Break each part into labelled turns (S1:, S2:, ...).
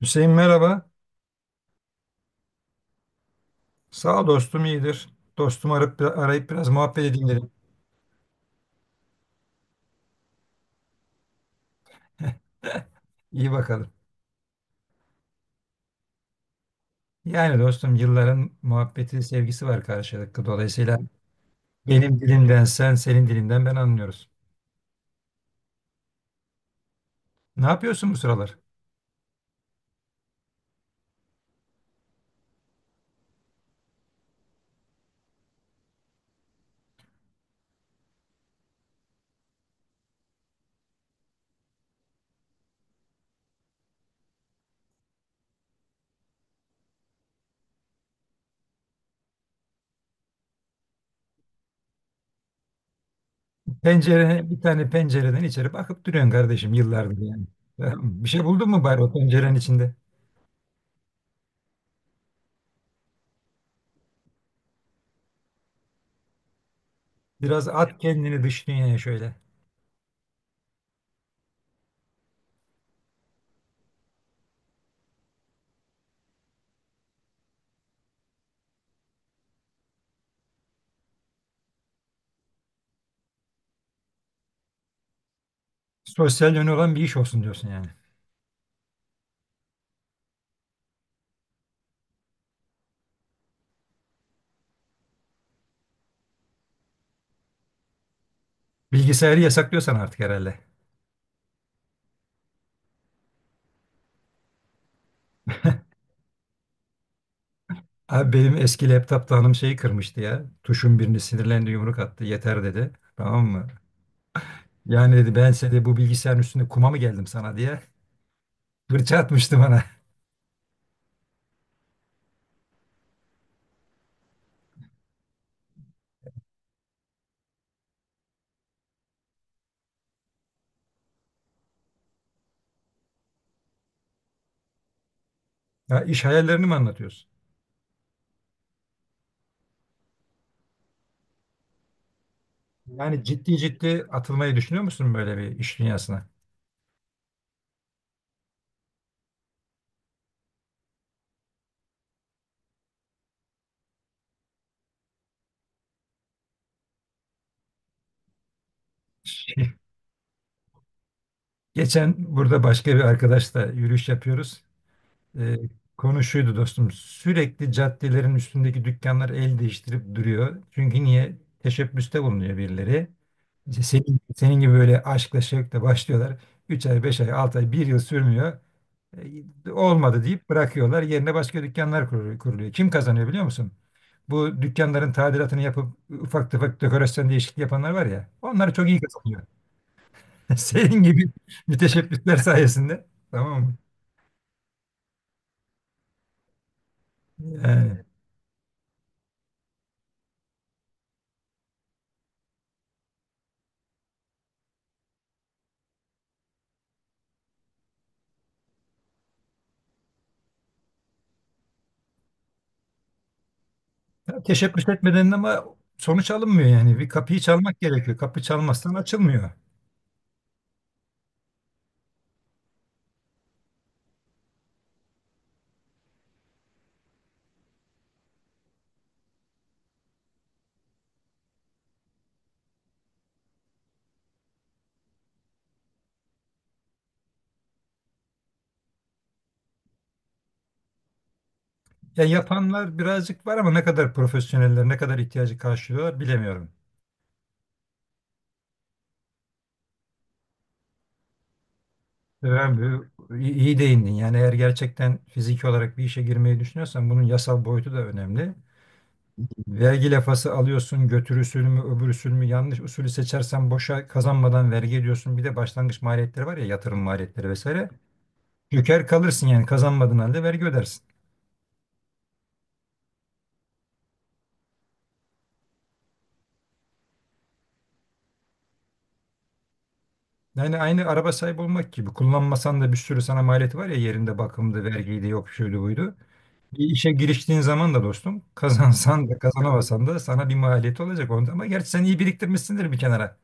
S1: Hüseyin merhaba. Sağ ol dostum iyidir. Dostumu arayıp, arayıp biraz muhabbet edeyim dedim. İyi bakalım. Yani dostum yılların muhabbeti, sevgisi var karşılıklı. Dolayısıyla benim dilimden sen, senin dilinden ben anlıyoruz. Ne yapıyorsun bu sıralar? Pencere, bir tane pencereden içeri bakıp duruyorsun kardeşim yıllardır yani. Tamam. Bir şey buldun mu bari o pencerenin içinde? Biraz at kendini dış dünyaya şöyle. Sosyal yönü olan bir iş olsun diyorsun yani. Bilgisayarı yasaklıyorsan artık herhalde. Abi benim eski laptopta hanım şeyi kırmıştı ya. Tuşun birini sinirlendi yumruk attı. Yeter dedi. Tamam mı? Yani dedi ben size de bu bilgisayarın üstünde kuma mı geldim sana diye. Fırça atmıştı bana. Ya iş hayallerini mi anlatıyorsun? Yani ciddi ciddi atılmayı düşünüyor musun böyle bir iş dünyasına? Geçen burada başka bir arkadaşla yürüyüş yapıyoruz. E, konu şuydu dostum. Sürekli caddelerin üstündeki dükkanlar el değiştirip duruyor. Çünkü niye? Teşebbüste bulunuyor birileri. İşte senin gibi böyle aşkla şevkle başlıyorlar. 3 ay, 5 ay, 6 ay, bir yıl sürmüyor. E, olmadı deyip bırakıyorlar. Yerine başka dükkanlar kuruluyor. Kim kazanıyor biliyor musun? Bu dükkanların tadilatını yapıp ufak tefek dekorasyon değişikliği yapanlar var ya. Onlar çok iyi kazanıyor. Senin gibi müteşebbisler sayesinde. Tamam mı? Yani. Ya teşebbüs etmeden ama sonuç alınmıyor yani. Bir kapıyı çalmak gerekiyor. Kapı çalmazsan açılmıyor. Yani yapanlar birazcık var ama ne kadar profesyoneller, ne kadar ihtiyacı karşılıyorlar bilemiyorum. Ben iyi iyi değindin. Yani eğer gerçekten fiziki olarak bir işe girmeyi düşünüyorsan bunun yasal boyutu da önemli. Vergi lafası alıyorsun, götür usulü mü, öbür usul mü, yanlış usulü seçersen boşa kazanmadan vergi ediyorsun. Bir de başlangıç maliyetleri var ya yatırım maliyetleri vesaire. Yüker kalırsın yani kazanmadığın halde vergi ödersin. Yani aynı araba sahibi olmak gibi. Kullanmasan da bir sürü sana maliyeti var ya yerinde bakımdı, vergiydi, yok şuydu buydu. Bir işe giriştiğin zaman da dostum kazansan da kazanamasan da sana bir maliyeti olacak onda. Ama gerçi sen iyi biriktirmişsindir bir kenara.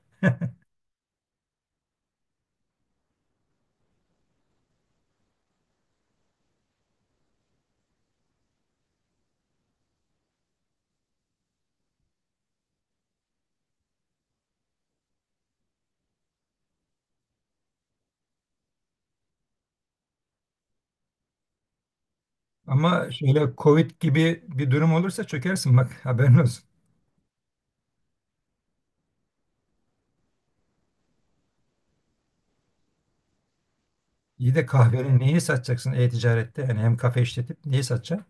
S1: Ama şöyle Covid gibi bir durum olursa çökersin bak haberin olsun. İyi de kahvenin neyi satacaksın e-ticarette? Yani hem kafe işletip neyi satacaksın?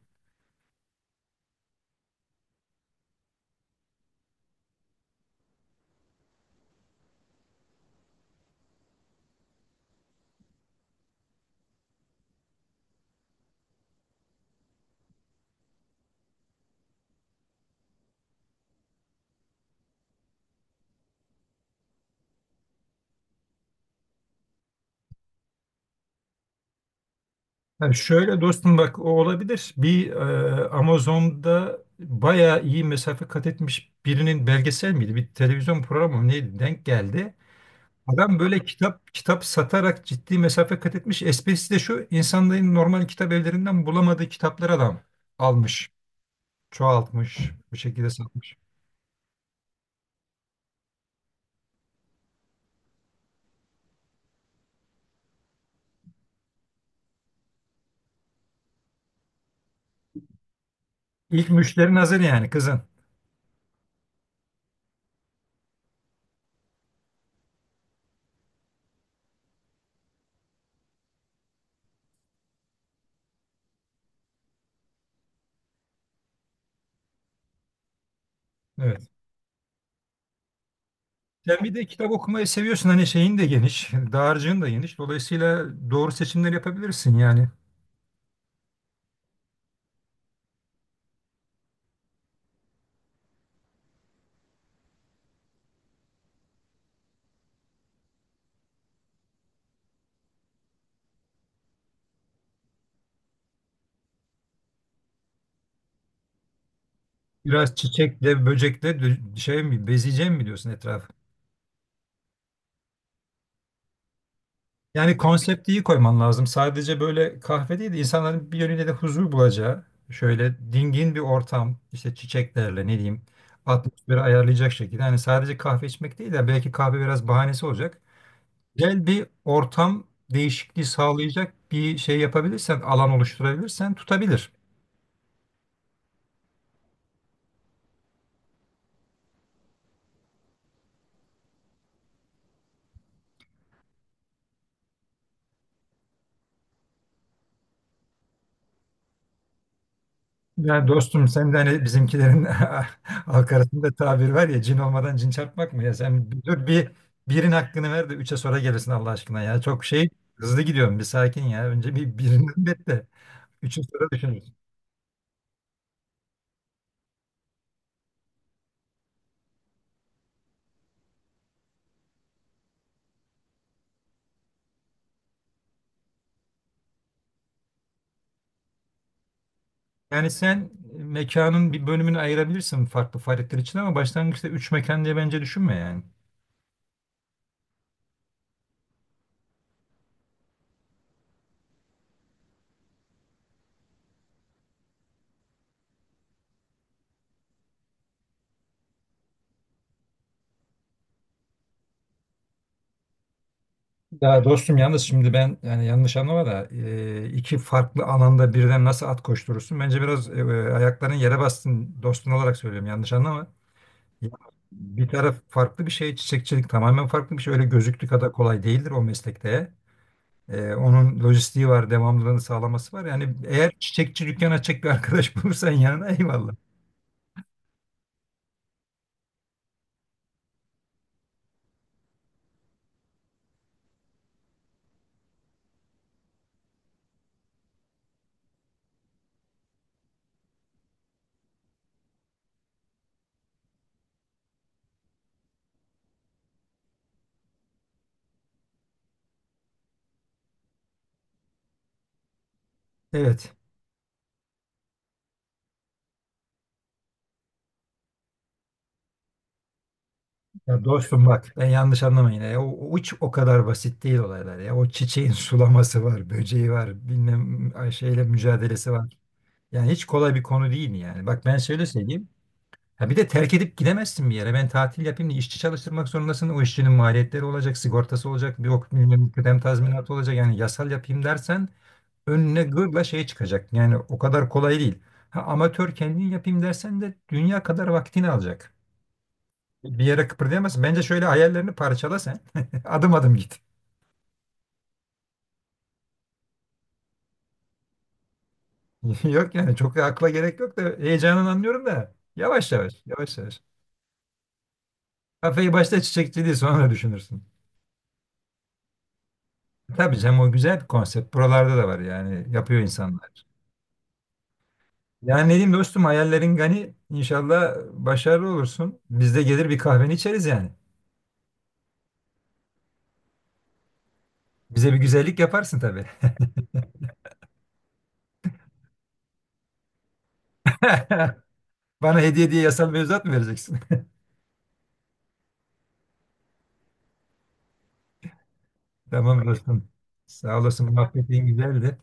S1: Ha, şöyle dostum bak o olabilir. Bir Amazon'da bayağı iyi mesafe kat etmiş birinin belgesel miydi? Bir televizyon programı mı neydi? Denk geldi. Adam böyle kitap kitap satarak ciddi mesafe kat etmiş. Esprisi de şu insanların normal kitap evlerinden bulamadığı kitapları adam almış, çoğaltmış, bu şekilde satmış. İlk müşterin hazır yani kızın. Evet. Sen bir de kitap okumayı seviyorsun hani şeyin de geniş, dağarcığın da geniş. Dolayısıyla doğru seçimler yapabilirsin yani. Biraz çiçekle, böcekle şey mi, bezeyeceğim mi diyorsun etrafı? Yani konsepti iyi koyman lazım. Sadece böyle kahve değil de insanların bir yönüyle de huzur bulacağı, şöyle dingin bir ortam, işte çiçeklerle ne diyeyim, atmosferi ayarlayacak şekilde. Yani sadece kahve içmek değil de belki kahve biraz bahanesi olacak. Güzel bir ortam değişikliği sağlayacak bir şey yapabilirsen, alan oluşturabilirsen tutabilir. Yani dostum sen de hani bizimkilerin halk arasında tabir var ya cin olmadan cin çarpmak mı ya sen bir dur bir birin hakkını ver de üçe sonra gelirsin Allah aşkına ya çok şey hızlı gidiyorum bir sakin ya önce bir birinden bet de üçü sonra düşünürüz. Yani sen mekanın bir bölümünü ayırabilirsin farklı faaliyetler için ama başlangıçta üç mekan diye bence düşünme yani. Ya dostum yalnız şimdi ben yani yanlış anlama da iki farklı alanda birden nasıl at koşturursun? Bence biraz ayakların yere bastın dostun olarak söylüyorum yanlış anlama. Ya, bir taraf farklı bir şey, çiçekçilik tamamen farklı bir şey. Öyle gözüktüğü kadar kolay değildir o meslekte. Onun lojistiği var, devamlılığını sağlaması var. Yani eğer çiçekçi dükkan açacak bir arkadaş bulursan yanına eyvallah. Evet. Ya dostum bak ben yanlış anlamayın. Ya. O hiç o kadar basit değil olaylar ya. O çiçeğin sulaması var, böceği var, bilmem ay, şeyle mücadelesi var. Yani hiç kolay bir konu değil yani. Bak ben şöyle söyleyeyim. Ya bir de terk edip gidemezsin bir yere. Ben tatil yapayım diye işçi çalıştırmak zorundasın. O işçinin maliyetleri olacak, sigortası olacak, bir ok bilmem kıdem tazminatı olacak. Yani yasal yapayım dersen önüne gırla şey çıkacak. Yani o kadar kolay değil. Ha, amatör kendin yapayım dersen de dünya kadar vaktini alacak. Bir yere kıpırdayamazsın. Bence şöyle hayallerini parçala sen. Adım adım git. Yok yani çok da akla gerek yok da heyecanını anlıyorum da. Yavaş yavaş, yavaş yavaş. Kafayı başta çiçekçiliği sonra düşünürsün. Tabii canım o güzel bir konsept. Buralarda da var yani yapıyor insanlar. Yani ne diyeyim dostum hayallerin gani inşallah başarılı olursun. Biz de gelir bir kahveni içeriz yani. Bize bir güzellik yaparsın tabii. Bana hediye diye yasal mevzuat mı vereceksin? Tamam dostum. Sağ olasın muhabbetin güzeldi.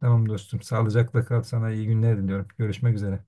S1: Tamam dostum sağlıcakla kal sana iyi günler diliyorum. Görüşmek üzere.